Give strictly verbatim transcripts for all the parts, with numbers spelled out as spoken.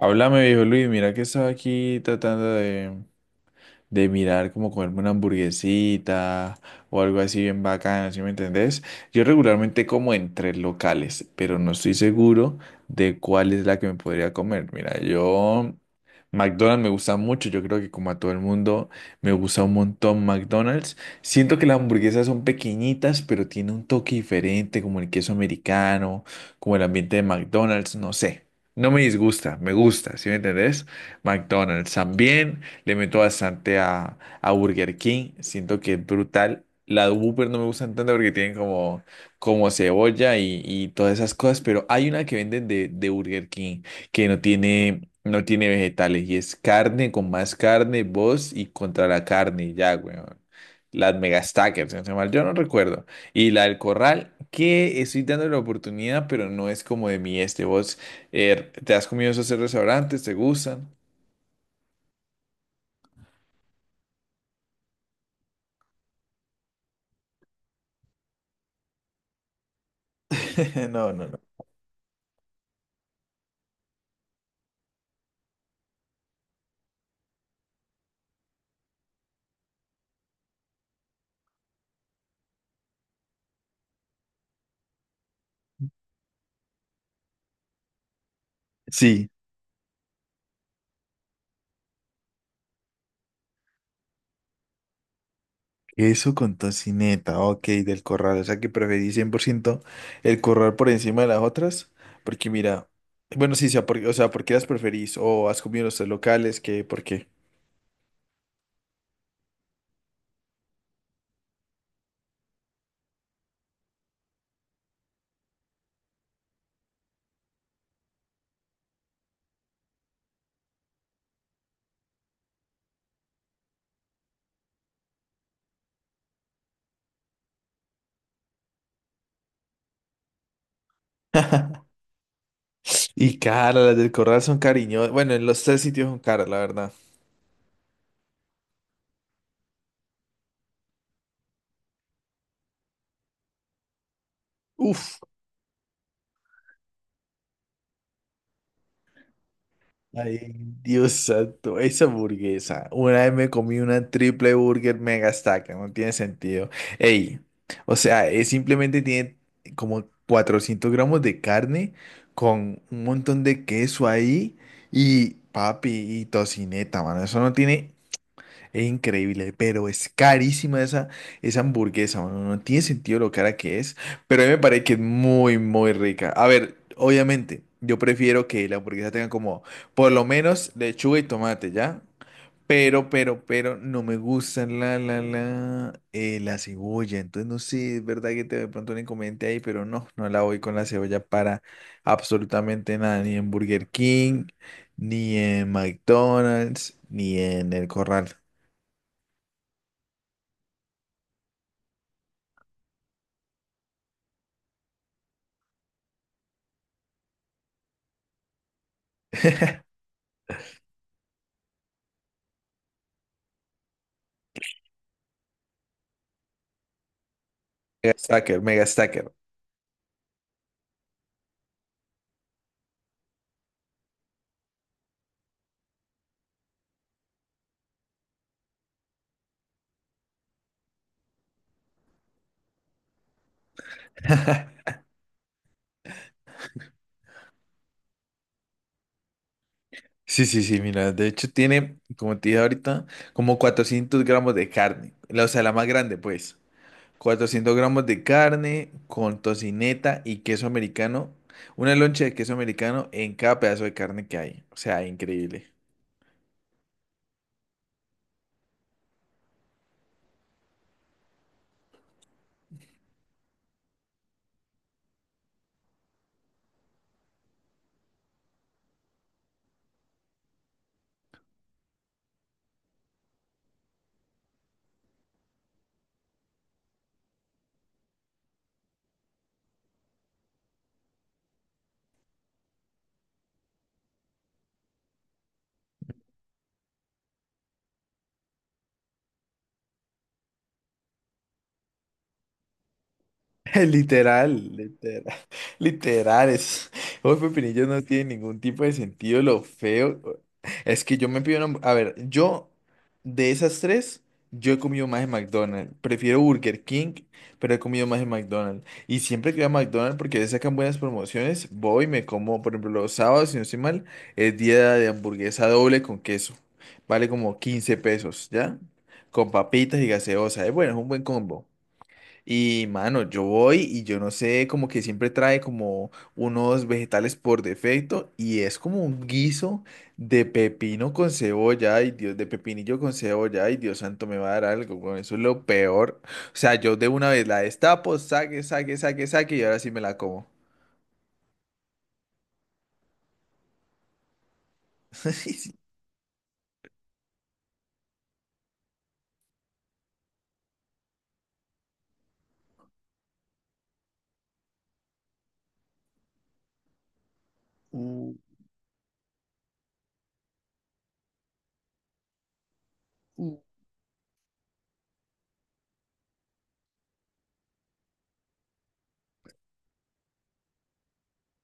Háblame, viejo Luis, mira que estaba aquí tratando de, de mirar como comerme una hamburguesita o algo así bien bacano, ¿sí me entendés? Yo regularmente como en tres locales, pero no estoy seguro de cuál es la que me podría comer. Mira, yo McDonald's me gusta mucho, yo creo que como a todo el mundo me gusta un montón McDonald's. Siento que las hamburguesas son pequeñitas, pero tiene un toque diferente, como el queso americano, como el ambiente de McDonald's, no sé. No me disgusta, me gusta, ¿sí me entendés? McDonald's también. Le meto bastante a, a Burger King. Siento que es brutal. La de Whopper no me gustan tanto porque tienen como, como cebolla y, y todas esas cosas. Pero hay una que venden de, de Burger King que no tiene, no tiene vegetales. Y es carne con más carne, voz y contra la carne. Y ya, weón. Las Mega Stackers, si no estoy mal, yo no recuerdo. Y la del Corral, que estoy dando la oportunidad, pero no es como de mí este. ¿Vos eh, te has comido esos restaurantes? ¿Te gustan? No, no, no. Sí. Eso con tocineta, ok, del Corral. O sea que preferí cien por ciento el Corral por encima de las otras. Porque mira, bueno, sí, sea por- o sea, ¿por qué las preferís? ¿O has comido en los tres locales? ¿Qué? ¿Por qué? Y caras, las del Corral son cariñosas. Bueno, en los tres sitios son caras, la verdad. Uf. Ay, Dios santo, esa hamburguesa. Una vez me comí una triple burger mega stack, no tiene sentido. Ey, o sea, es simplemente tiene como cuatrocientos gramos de carne con un montón de queso ahí y papi y tocineta, mano. Eso no tiene. Es increíble, pero es carísima esa, esa hamburguesa, mano. No tiene sentido lo cara que es, pero a mí me parece que es muy, muy rica. A ver, obviamente, yo prefiero que la hamburguesa tenga como por lo menos lechuga y tomate, ¿ya? Pero, pero, pero no me gusta la, la, la, eh, la cebolla. Entonces, no sé, es verdad que te de pronto un inconveniente ahí, pero no, no la voy con la cebolla para absolutamente nada, ni en Burger King, ni en McDonald's, ni en el Corral. Mega Stacker, Mega Stacker. Sí, sí, sí, mira, de hecho tiene, como te dije ahorita, como cuatrocientos gramos de carne, la- o sea, la más grande, pues. cuatrocientos gramos de carne con tocineta y queso americano, una loncha de queso americano en cada pedazo de carne que hay, o sea, increíble. Literal, literal, literal, es, hoy pepinillos no tiene ningún tipo de sentido, lo feo, es que yo me pido una, hamb- a ver, yo, de esas tres, yo he comido más en McDonald's, prefiero Burger King, pero he comido más en McDonald's, y siempre que voy a McDonald's, porque le sacan buenas promociones, voy y me como, por ejemplo, los sábados, si no estoy mal, es día de hamburguesa doble con queso, vale como quince pesos, ¿ya? Con papitas y gaseosa, es bueno, es un buen combo. Y mano, yo voy y yo no sé, como que siempre trae como unos vegetales por defecto y es como un guiso de pepino con cebolla, ay Dios, de pepinillo con cebolla, ay Dios santo, me va a dar algo, con eso es lo peor. O sea, yo de una vez la destapo, saque, saque, saque, saque y ahora sí me la como. Sí. Uh, uh.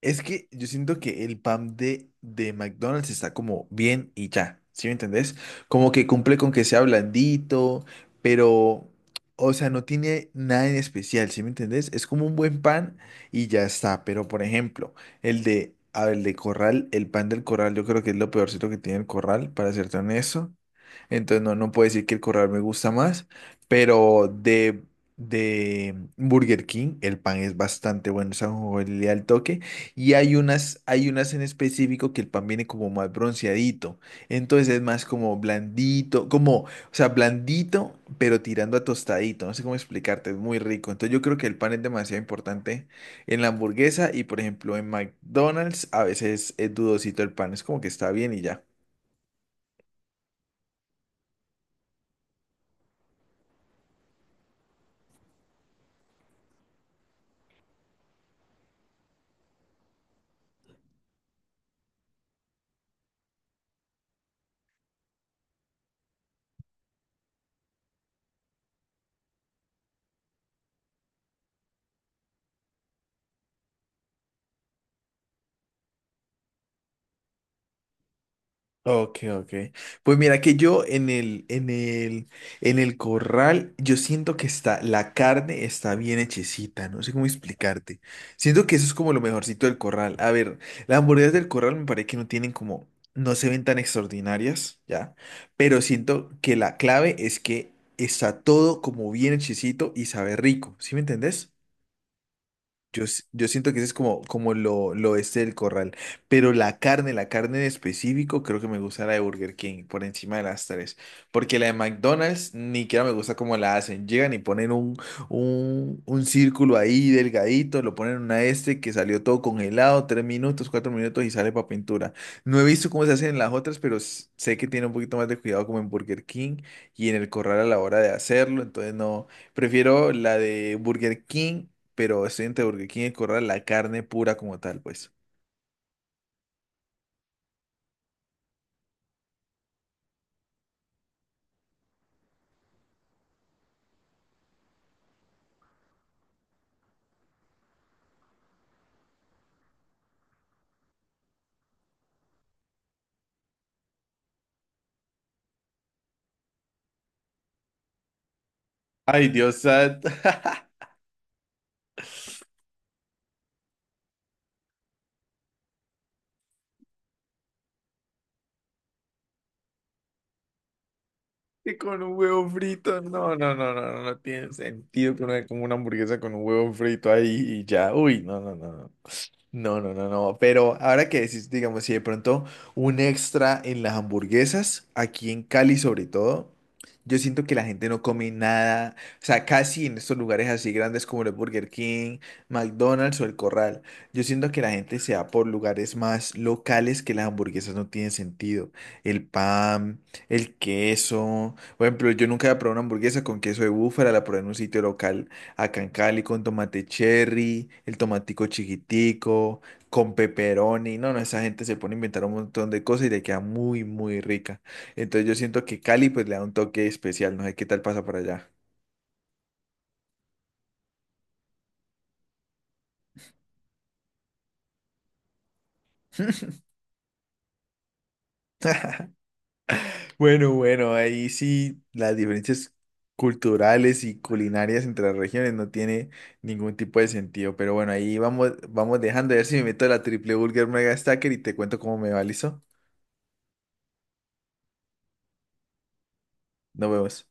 Es que yo siento que el pan de, de McDonald's está como bien y ya, ¿sí me entendés? Como que cumple con que sea blandito, pero, o sea, no tiene nada en especial, ¿sí me entendés? Es como un buen pan y ya está, pero por ejemplo, el de, a ver, el de Corral, el pan del Corral, yo creo que es lo peorcito que tiene el Corral, para serte honesto. Entonces no, no puedo decir que el Corral me gusta más, pero de, de Burger King el pan es bastante bueno, o sea, le da el toque y hay unas, hay unas en específico que el pan viene como más bronceadito. Entonces es más como blandito, como, o sea, blandito, pero tirando a tostadito. No sé cómo explicarte, es muy rico. Entonces yo creo que el pan es demasiado importante en la hamburguesa y, por ejemplo, en McDonald's a veces es dudosito el pan. Es como que está bien y ya. Ok, ok. Pues mira que yo en el, en el, en el Corral, yo siento que está, la carne está bien hechecita, no sé cómo explicarte. Siento que eso es como lo mejorcito del Corral. A ver, las hamburguesas del Corral me parece que no tienen como, no se ven tan extraordinarias, ¿ya? Pero siento que la clave es que está todo como bien hechecito y sabe rico, ¿sí me entendés? Yo, s- yo siento que ese es como, como lo, lo este del Corral. Pero la carne, la carne en específico, creo que me gusta la de Burger King por encima de las tres. Porque la de McDonald's ni siquiera me gusta cómo la hacen. Llegan y ponen un, un, un círculo ahí delgadito, lo ponen en una este que salió todo congelado, tres minutos, cuatro minutos y sale para pintura. No he visto cómo se hacen en las otras, pero s- sé que tiene un poquito más de cuidado como en Burger King y en el Corral a la hora de hacerlo. Entonces no, prefiero la de Burger King pero excelente porque aquí en el Corral la carne pura como tal, pues. Ay, Dios santo. Y con un huevo frito. No, no, no, no, no, no tiene sentido que uno coma una hamburguesa con un huevo frito ahí y ya. Uy, no, no, no. No. No, no, no, no. Pero ahora que decís, digamos, si de pronto un extra en las hamburguesas, aquí en Cali sobre todo, yo siento que la gente no come nada, o sea, casi en estos lugares así grandes como el Burger King, McDonald's o El Corral, yo siento que la gente se va por lugares más locales que las hamburguesas no tienen sentido. El pan, el queso, por ejemplo, yo nunca he probado una hamburguesa con queso de búfala, la probé en un sitio local acá en Cali con tomate cherry, el tomatico chiquitico, con pepperoni. No, no, esa gente se pone a inventar un montón de cosas y le queda muy, muy rica. Entonces yo siento que Cali pues le da un toque especial. No sé qué tal pasa para allá. Bueno, bueno, ahí sí las diferencias culturales y culinarias entre las regiones no tiene ningún tipo de sentido. Pero bueno, ahí vamos, vamos dejando. A ver si me meto a la triple burger mega stacker y te cuento cómo me va, ¿listo? Nos vemos.